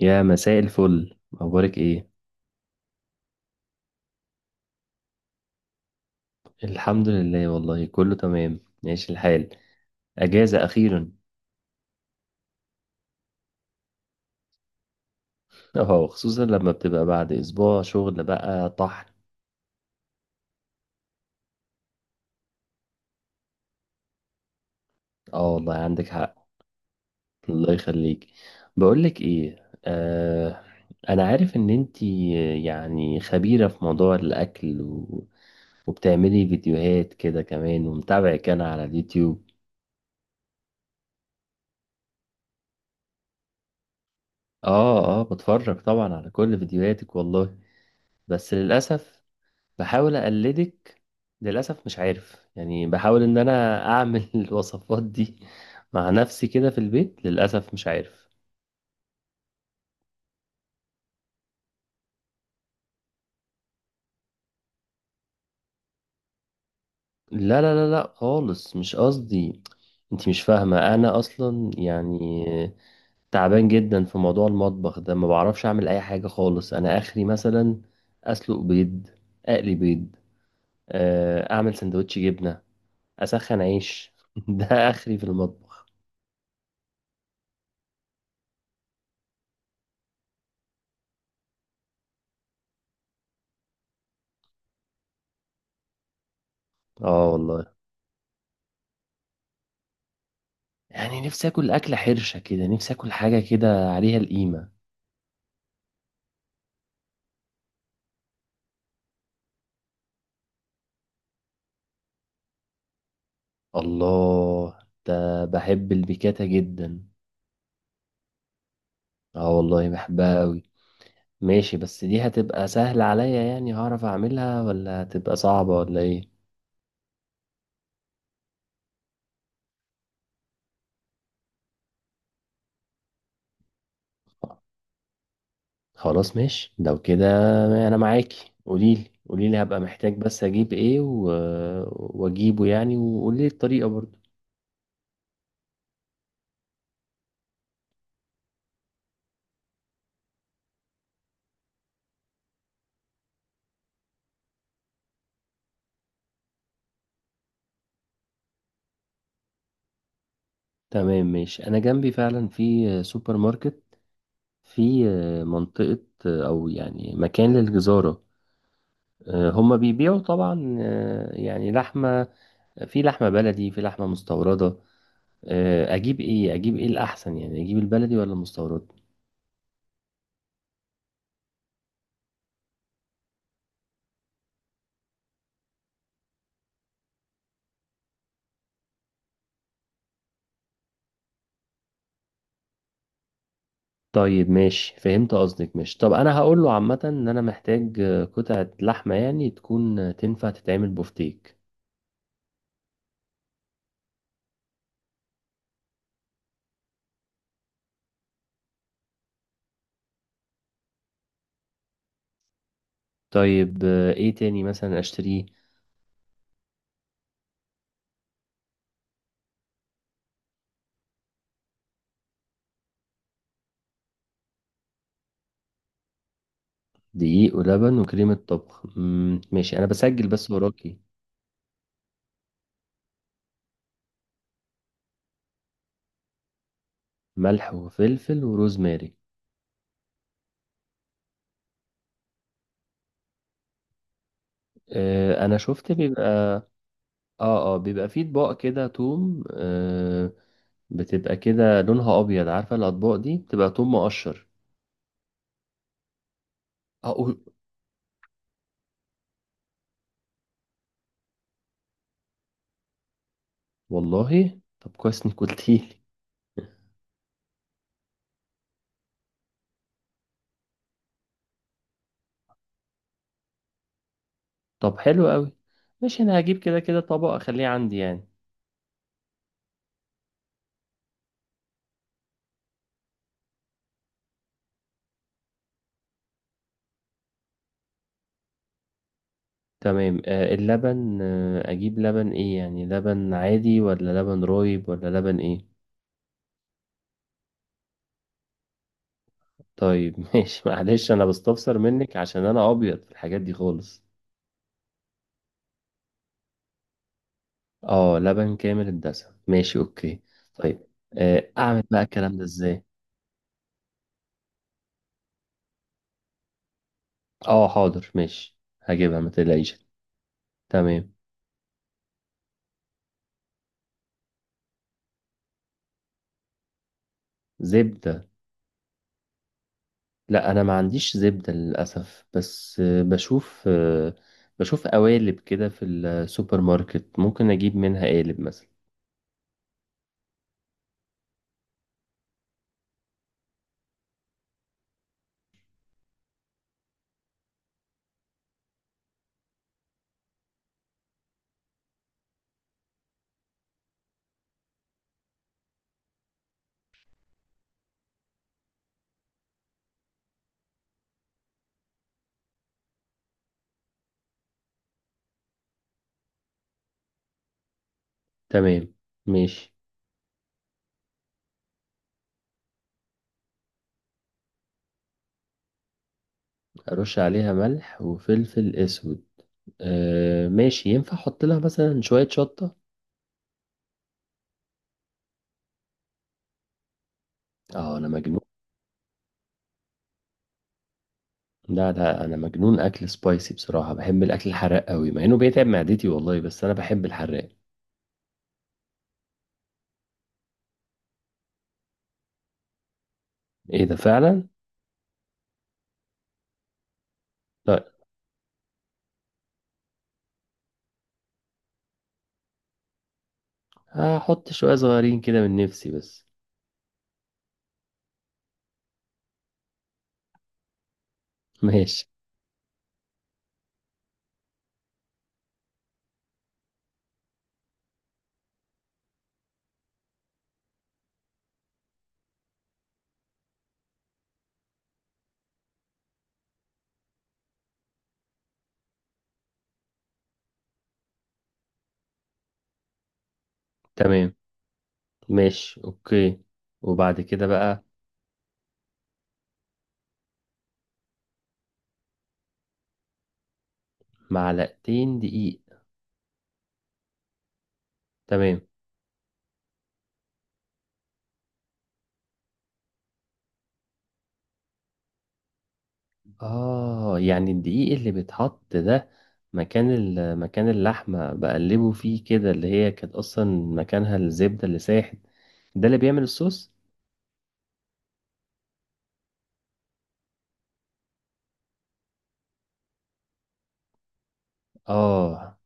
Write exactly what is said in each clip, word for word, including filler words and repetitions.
يا مساء الفل، اخبارك ايه؟ الحمد لله، والله كله تمام، ماشي الحال. اجازه اخيرا. اه، خصوصا لما بتبقى بعد اسبوع شغل بقى طحن. اه، والله عندك حق. الله يخليك. بقولك ايه، آه انا عارف ان انتي يعني خبيره في موضوع الاكل و... وبتعملي فيديوهات كده كمان، ومتابعك انا على اليوتيوب. اه، اه، بتفرج طبعا على كل فيديوهاتك والله. بس للأسف بحاول اقلدك. للاسف مش عارف، يعني بحاول ان انا اعمل الوصفات دي مع نفسي كده في البيت، للاسف مش عارف. لا، لا، لا، لا، خالص مش قصدي. انت مش فاهمه، انا اصلا يعني تعبان جدا في موضوع المطبخ ده، ما بعرفش اعمل اي حاجه خالص. انا اخري مثلا اسلق بيض، اقلي بيض، آه، اعمل سندوتش جبنه، اسخن عيش ده اخري في المطبخ. اه، والله يعني نفسي اكل اكله حرشه كده، نفسي اكل حاجه كده عليها القيمه. الله. ده بحب البيكاتا جدا. اه، والله بحبها قوي. ماشي، بس دي هتبقى سهله عليا يعني هعرف اعملها، ولا هتبقى صعبه ولا ايه؟ خلاص، ماشي لو كده. انا معاكي، قوليلي قوليلي، هبقى محتاج بس اجيب ايه و... واجيبه يعني، وقولي الطريقه برضو. تمام، ماشي، انا جنبي فعلا في سوبر ماركت، في منطقه، او يعني مكان للجزاره. آه، هما بيبيعوا طبعا، آه، يعني لحمة، في لحمة بلدي، في لحمة مستوردة. آه، أجيب إيه، أجيب إيه الأحسن، يعني أجيب البلدي ولا المستورد؟ طيب، ماشي، فهمت قصدك، ماشي، طب أنا هقول له عامة إن أنا محتاج آه، قطعة لحمة يعني تكون آه، تنفع تتعمل بفتيك. طيب، آه، إيه تاني مثلا أشتريه؟ دقيق ولبن وكريمة طبخ، مم، ماشي، أنا بسجل بس وراكي. ملح وفلفل وروزماري. آه، أنا شفت بيبقى. اه، اه، بيبقى فيه اطباق كده توم، آه بتبقى كده لونها ابيض، عارفه الاطباق دي بتبقى توم مقشر. اقول. والله طب كويس انك قلتيلي. طب حلو قوي. ماشي، انا هجيب كده كده طبق، اخليه عندي يعني. تمام، آه اللبن، آه اجيب لبن ايه يعني؟ لبن عادي ولا لبن رايب ولا لبن ايه؟ طيب ماشي، معلش انا بستفسر منك عشان انا ابيض في الحاجات دي خالص. اه، لبن كامل الدسم، ماشي، اوكي. طيب. آه اعمل بقى الكلام ده ازاي؟ اه، حاضر، ماشي. هجيبها، ما تقلقيش. تمام. زبدة. لا، انا ما عنديش زبدة للأسف، بس آه، بشوف آه، بشوف قوالب كده في السوبر ماركت، ممكن اجيب منها قالب مثلا. تمام، ماشي. ارش عليها ملح وفلفل اسود. آه، ماشي، ينفع احط لها مثلا شوية شطة؟ اه، انا مجنون. لا، لا، انا مجنون اكل سبايسي، بصراحة بحب الاكل الحراق قوي، مع انه بيتعب معدتي والله، بس انا بحب الحراق. ايه ده؟ فعلا. طيب. هحط شوية صغيرين كده من نفسي بس. ماشي. تمام، ماشي، اوكي. وبعد كده بقى. معلقتين دقيق. تمام. اه، يعني الدقيق اللي بيتحط ده مكان ال- مكان اللحمة، بقلبه فيه كده اللي هي كانت اصلا مكانها الزبدة اللي ساحت، ده اللي بيعمل الصوص. اه،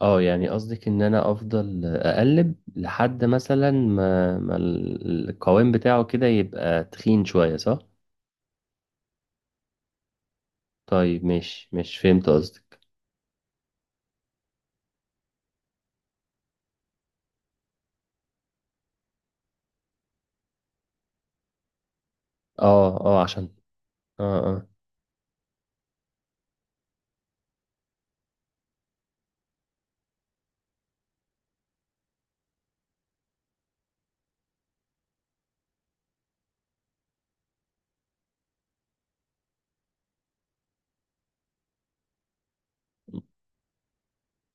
اه، يعني قصدك ان انا افضل اقلب لحد مثلا ما, ما ال- القوام بتاعه كده يبقى تخين شوية، صح؟ طيب، ماشي ماشي، فهمت قصدك. اه، اه، عشان. اه، اه.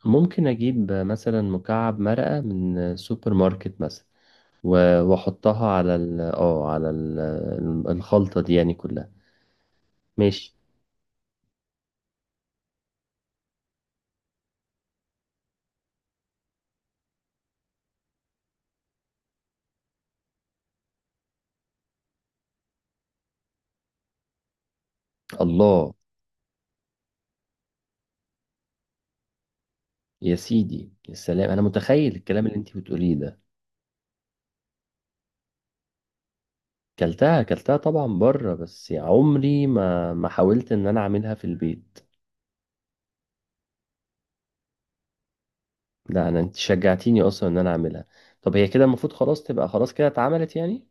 ممكن اجيب مثلا مكعب مرقة من سوبر ماركت مثلا، و- واحطها على ال اه على ال الخلطة دي يعني كلها. ماشي. الله. يا سيدي، يا سلام، انا متخيل الكلام اللي انتي بتقوليه ده. كلتها كلتها طبعا بره، بس يا عمري ما ما حاولت ان انا اعملها في البيت. لا، انا انت شجعتيني اصلا ان انا اعملها. طب، هي كده المفروض خلاص تبقى خلاص كده اتعملت يعني.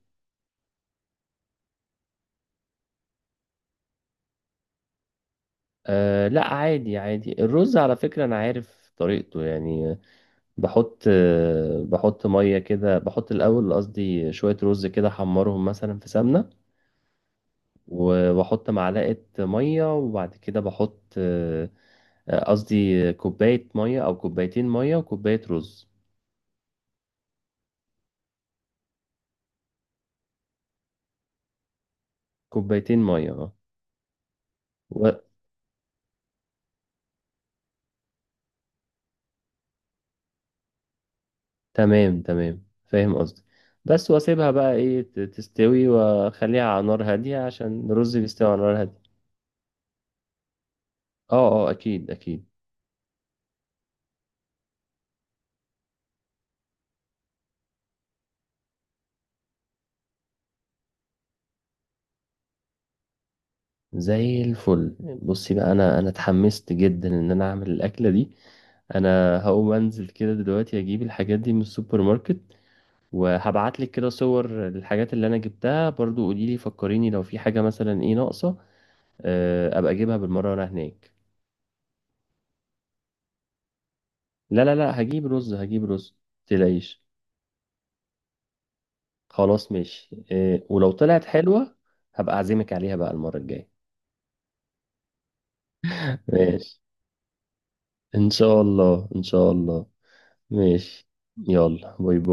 أه، لا، عادي عادي، الرز على فكرة أنا عارف طريقته يعني. بحط أه بحط مية كده، بحط الأول، قصدي شوية رز كده أحمرهم مثلا في سمنة. و- وأحط معلقة مية، وبعد كده بحط أه، أه، قصدي كوباية مية أو كوبايتين مية وكوباية رز. كوبايتين مية، اه. و... تمام تمام، فاهم قصدي. بس وأسيبها بقى، إيه، ت- تستوي، وأخليها على نار هادية عشان الرز بيستوي على نار هادية. اه، اه، أكيد أكيد. زي الفل. بصي بقى، انا انا اتحمست جدا ان انا اعمل الاكله دي. انا هقوم انزل كده دلوقتي، اجيب الحاجات دي من السوبر ماركت. وهبعت لك كده صور الحاجات اللي انا جبتها، برضو قولي لي، فكريني لو في حاجه مثلا ايه ناقصه. آه، ابقى اجيبها بالمره وانا هناك. لا، لا، لا، هجيب رز هجيب رز. متقلقيش. خلاص، ماشي، آه، ولو طلعت حلوه هبقى اعزمك عليها بقى المره الجايه. ماشي. ان شاء الله، ان شاء الله. ماشي. يلا، باي باي.